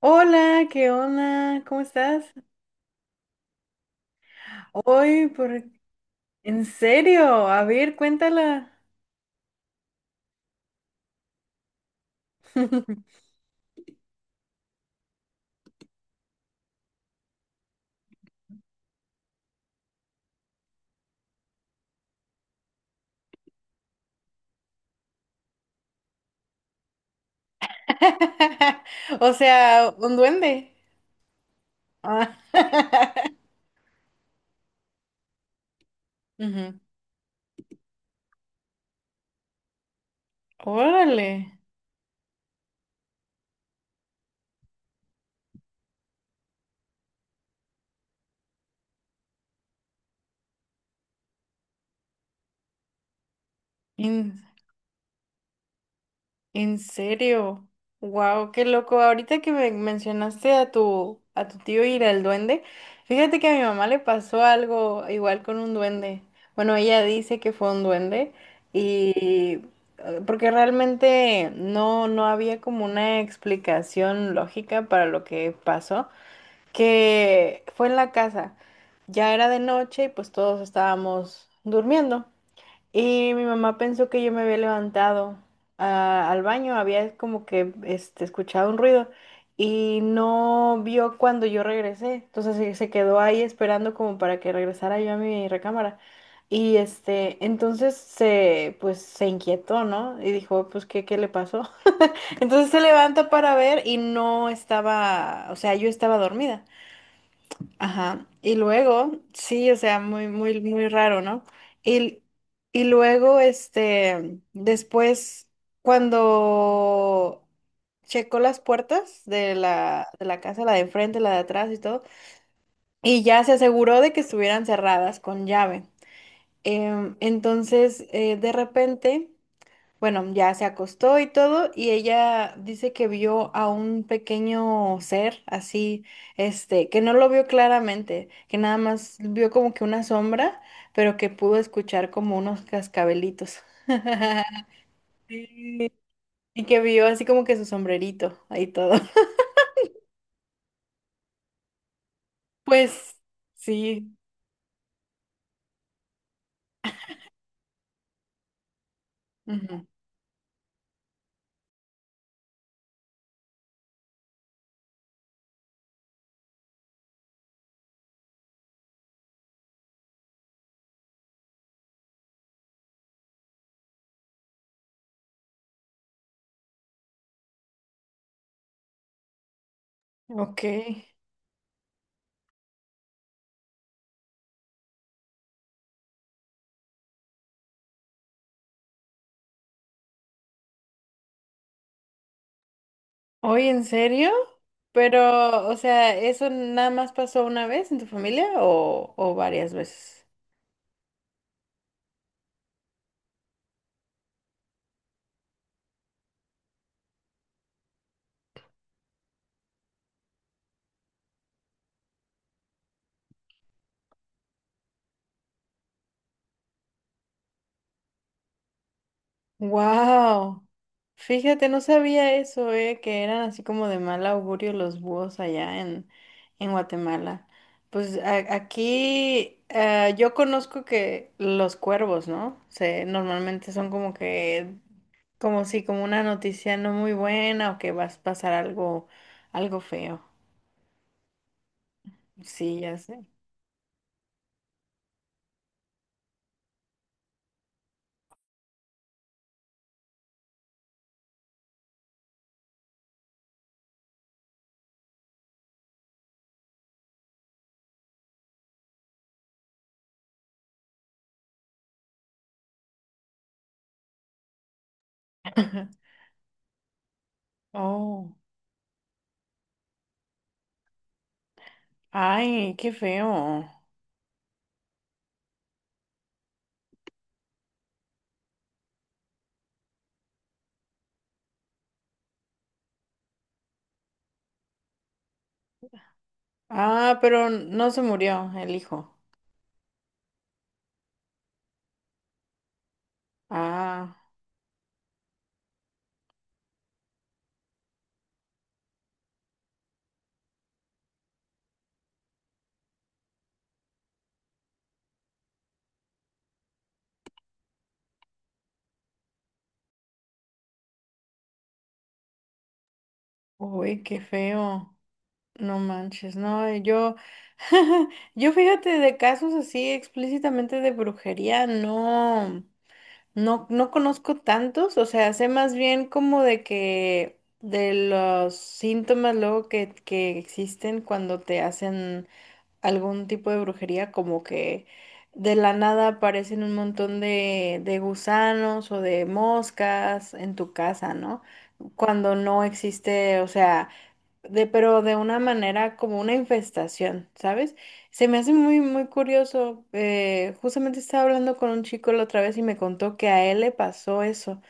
Hola, ¿qué onda? ¿Cómo estás? Hoy, por... ¿En serio? A ver, cuéntala. O sea, un duende. Ah. Ujú. Órale. ¿En serio? Wow, qué loco. Ahorita que me mencionaste a tu tío y al duende, fíjate que a mi mamá le pasó algo igual con un duende. Bueno, ella dice que fue un duende y porque realmente no había como una explicación lógica para lo que pasó, que fue en la casa. Ya era de noche y pues todos estábamos durmiendo. Y mi mamá pensó que yo me había levantado ah, al baño, había como que este, escuchado un ruido y no vio cuando yo regresé. Entonces se quedó ahí esperando como para que regresara yo a mi recámara. Y este, entonces se, pues se inquietó, ¿no? Y dijo, pues, ¿qué, qué le pasó? Entonces se levanta para ver y no estaba, o sea, yo estaba dormida. Ajá. Y luego, sí, o sea, muy, muy, muy raro, ¿no? Y, y luego, este, después, cuando checó las puertas de la casa, la de enfrente, la de atrás y todo, y ya se aseguró de que estuvieran cerradas con llave. Entonces, de repente... Bueno, ya se acostó y todo, y ella dice que vio a un pequeño ser así, este, que no lo vio claramente, que nada más vio como que una sombra, pero que pudo escuchar como unos cascabelitos. Sí. Y que vio así como que su sombrerito ahí todo. Pues sí. Ujú. Ok. Oye, ¿en serio? Pero, o sea, ¿eso nada más pasó una vez en tu familia o varias veces? Wow. Fíjate, no sabía eso, que eran así como de mal augurio los búhos allá en Guatemala. Pues a- aquí ah, yo conozco que los cuervos, ¿no? Se, normalmente son como que, como si, como una noticia no muy buena o que vas a pasar algo, algo feo. Sí, ya sé. Oh, ay, qué feo. Ah, pero no se murió el hijo. Ah. Uy, qué feo. No manches, no, yo, yo fíjate de casos así explícitamente de brujería, no, no, no conozco tantos, o sea, sé más bien como de que de los síntomas luego que existen cuando te hacen algún tipo de brujería, como que de la nada aparecen un montón de gusanos o de moscas en tu casa, ¿no? Cuando no existe, o sea de, pero de una manera como una infestación, ¿sabes? Se me hace muy, muy curioso. Justamente estaba hablando con un chico la otra vez y me contó que a él le pasó eso,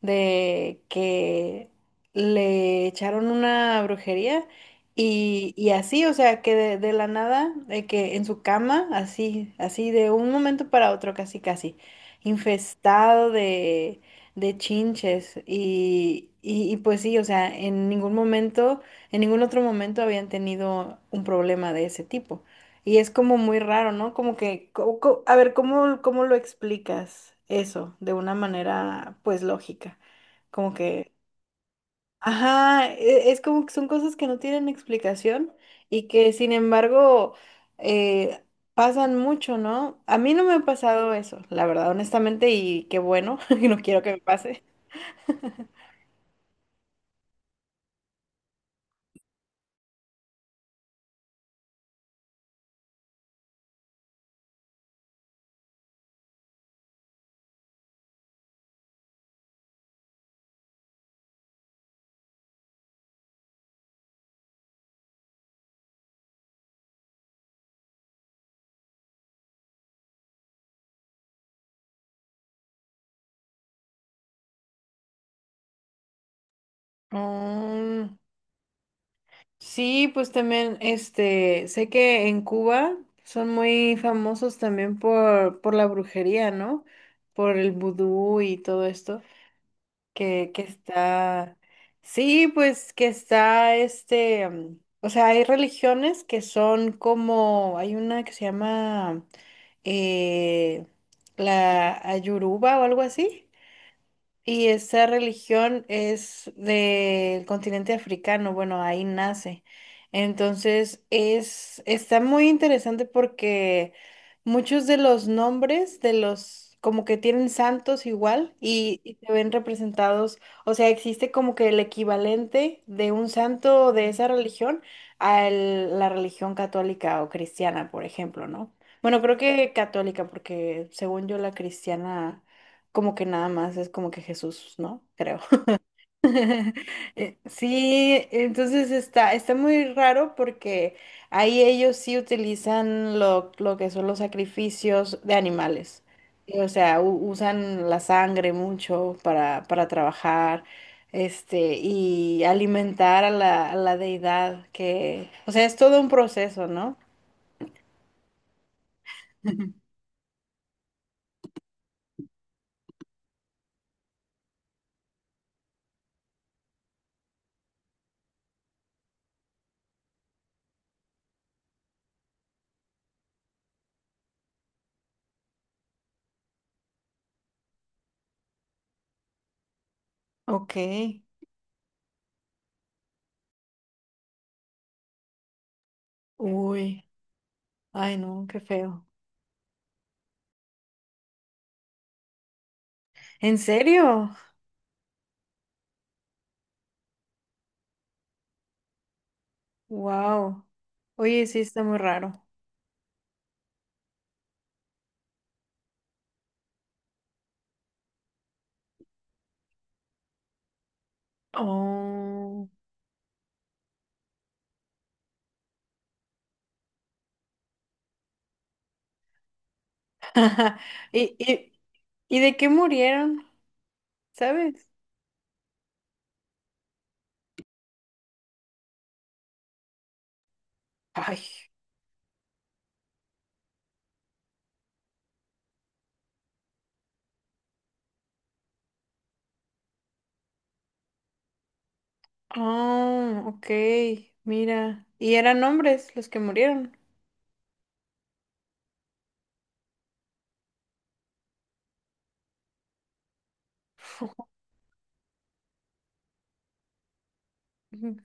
de que le echaron una brujería y así, o sea, que de la nada, de que en su cama, así, así, de un momento para otro, casi, casi, infestado de chinches y pues sí, o sea, en ningún otro momento habían tenido un problema de ese tipo. Y es como muy raro, ¿no? Como que, co- co- a ver, ¿cómo, cómo lo explicas eso de una manera, pues, lógica? Como que, ajá, e- es como que son cosas que no tienen explicación y que, sin embargo, eh, pasan mucho, ¿no? A mí no me ha pasado eso, la verdad, honestamente, y qué bueno, no quiero que me pase. Mm, sí, pues también, este, sé que en Cuba son muy famosos también por la brujería, ¿no? Por el vudú y todo esto, que está, sí, pues que está, este, mm, o sea, hay religiones que son como, hay una que se llama eh, la Ayuruba o algo así y esa religión es del continente africano, bueno, ahí nace. Entonces es, está muy interesante porque muchos de los nombres de los, como que tienen santos igual y se ven representados, o sea, existe como que el equivalente de un santo de esa religión a el- la religión católica o cristiana, por ejemplo, ¿no? Bueno, creo que católica, porque según yo la cristiana como que nada más es como que Jesús, ¿no? Creo. Sí, entonces está, está muy raro porque ahí ellos sí utilizan lo que son los sacrificios de animales. Y, o sea, u- usan la sangre mucho para trabajar, este, y alimentar a la deidad que, o sea, es todo un proceso, ¿no? Ok. Uy. Ay, no, qué feo. ¿En serio? Wow. Oye, sí está muy raro. Oh. ¿Y, y de qué murieron? ¿Sabes? Ay. Oh, ok. Mira. Y eran hombres los que murieron. Ujú.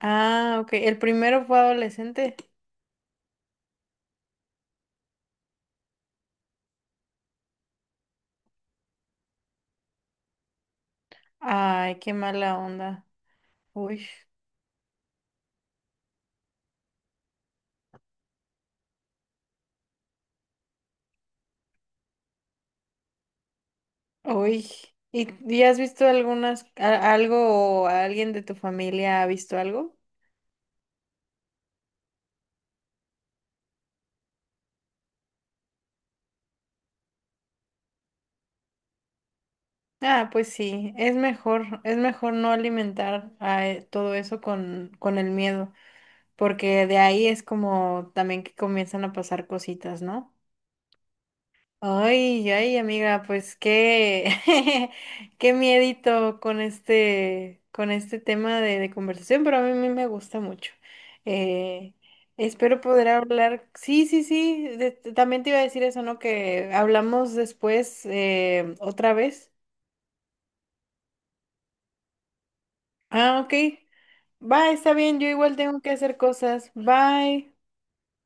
Ah, ok. El primero fue adolescente. Ay, qué mala onda. Uy, uy. Y has visto algunas, a- algo o alguien de tu familia ha visto algo? Ah, pues sí, es mejor no alimentar a todo eso con el miedo, porque de ahí es como también que comienzan a pasar cositas, ¿no? Ay, ay, amiga, pues qué, qué miedito con este tema de conversación, pero a mí, me gusta mucho. Eh, espero poder hablar, sí, sí, sí, de- también te iba a decir eso, ¿no? Que hablamos después otra vez. Ah, ok. Bye, está bien, yo igual tengo que hacer cosas. Bye.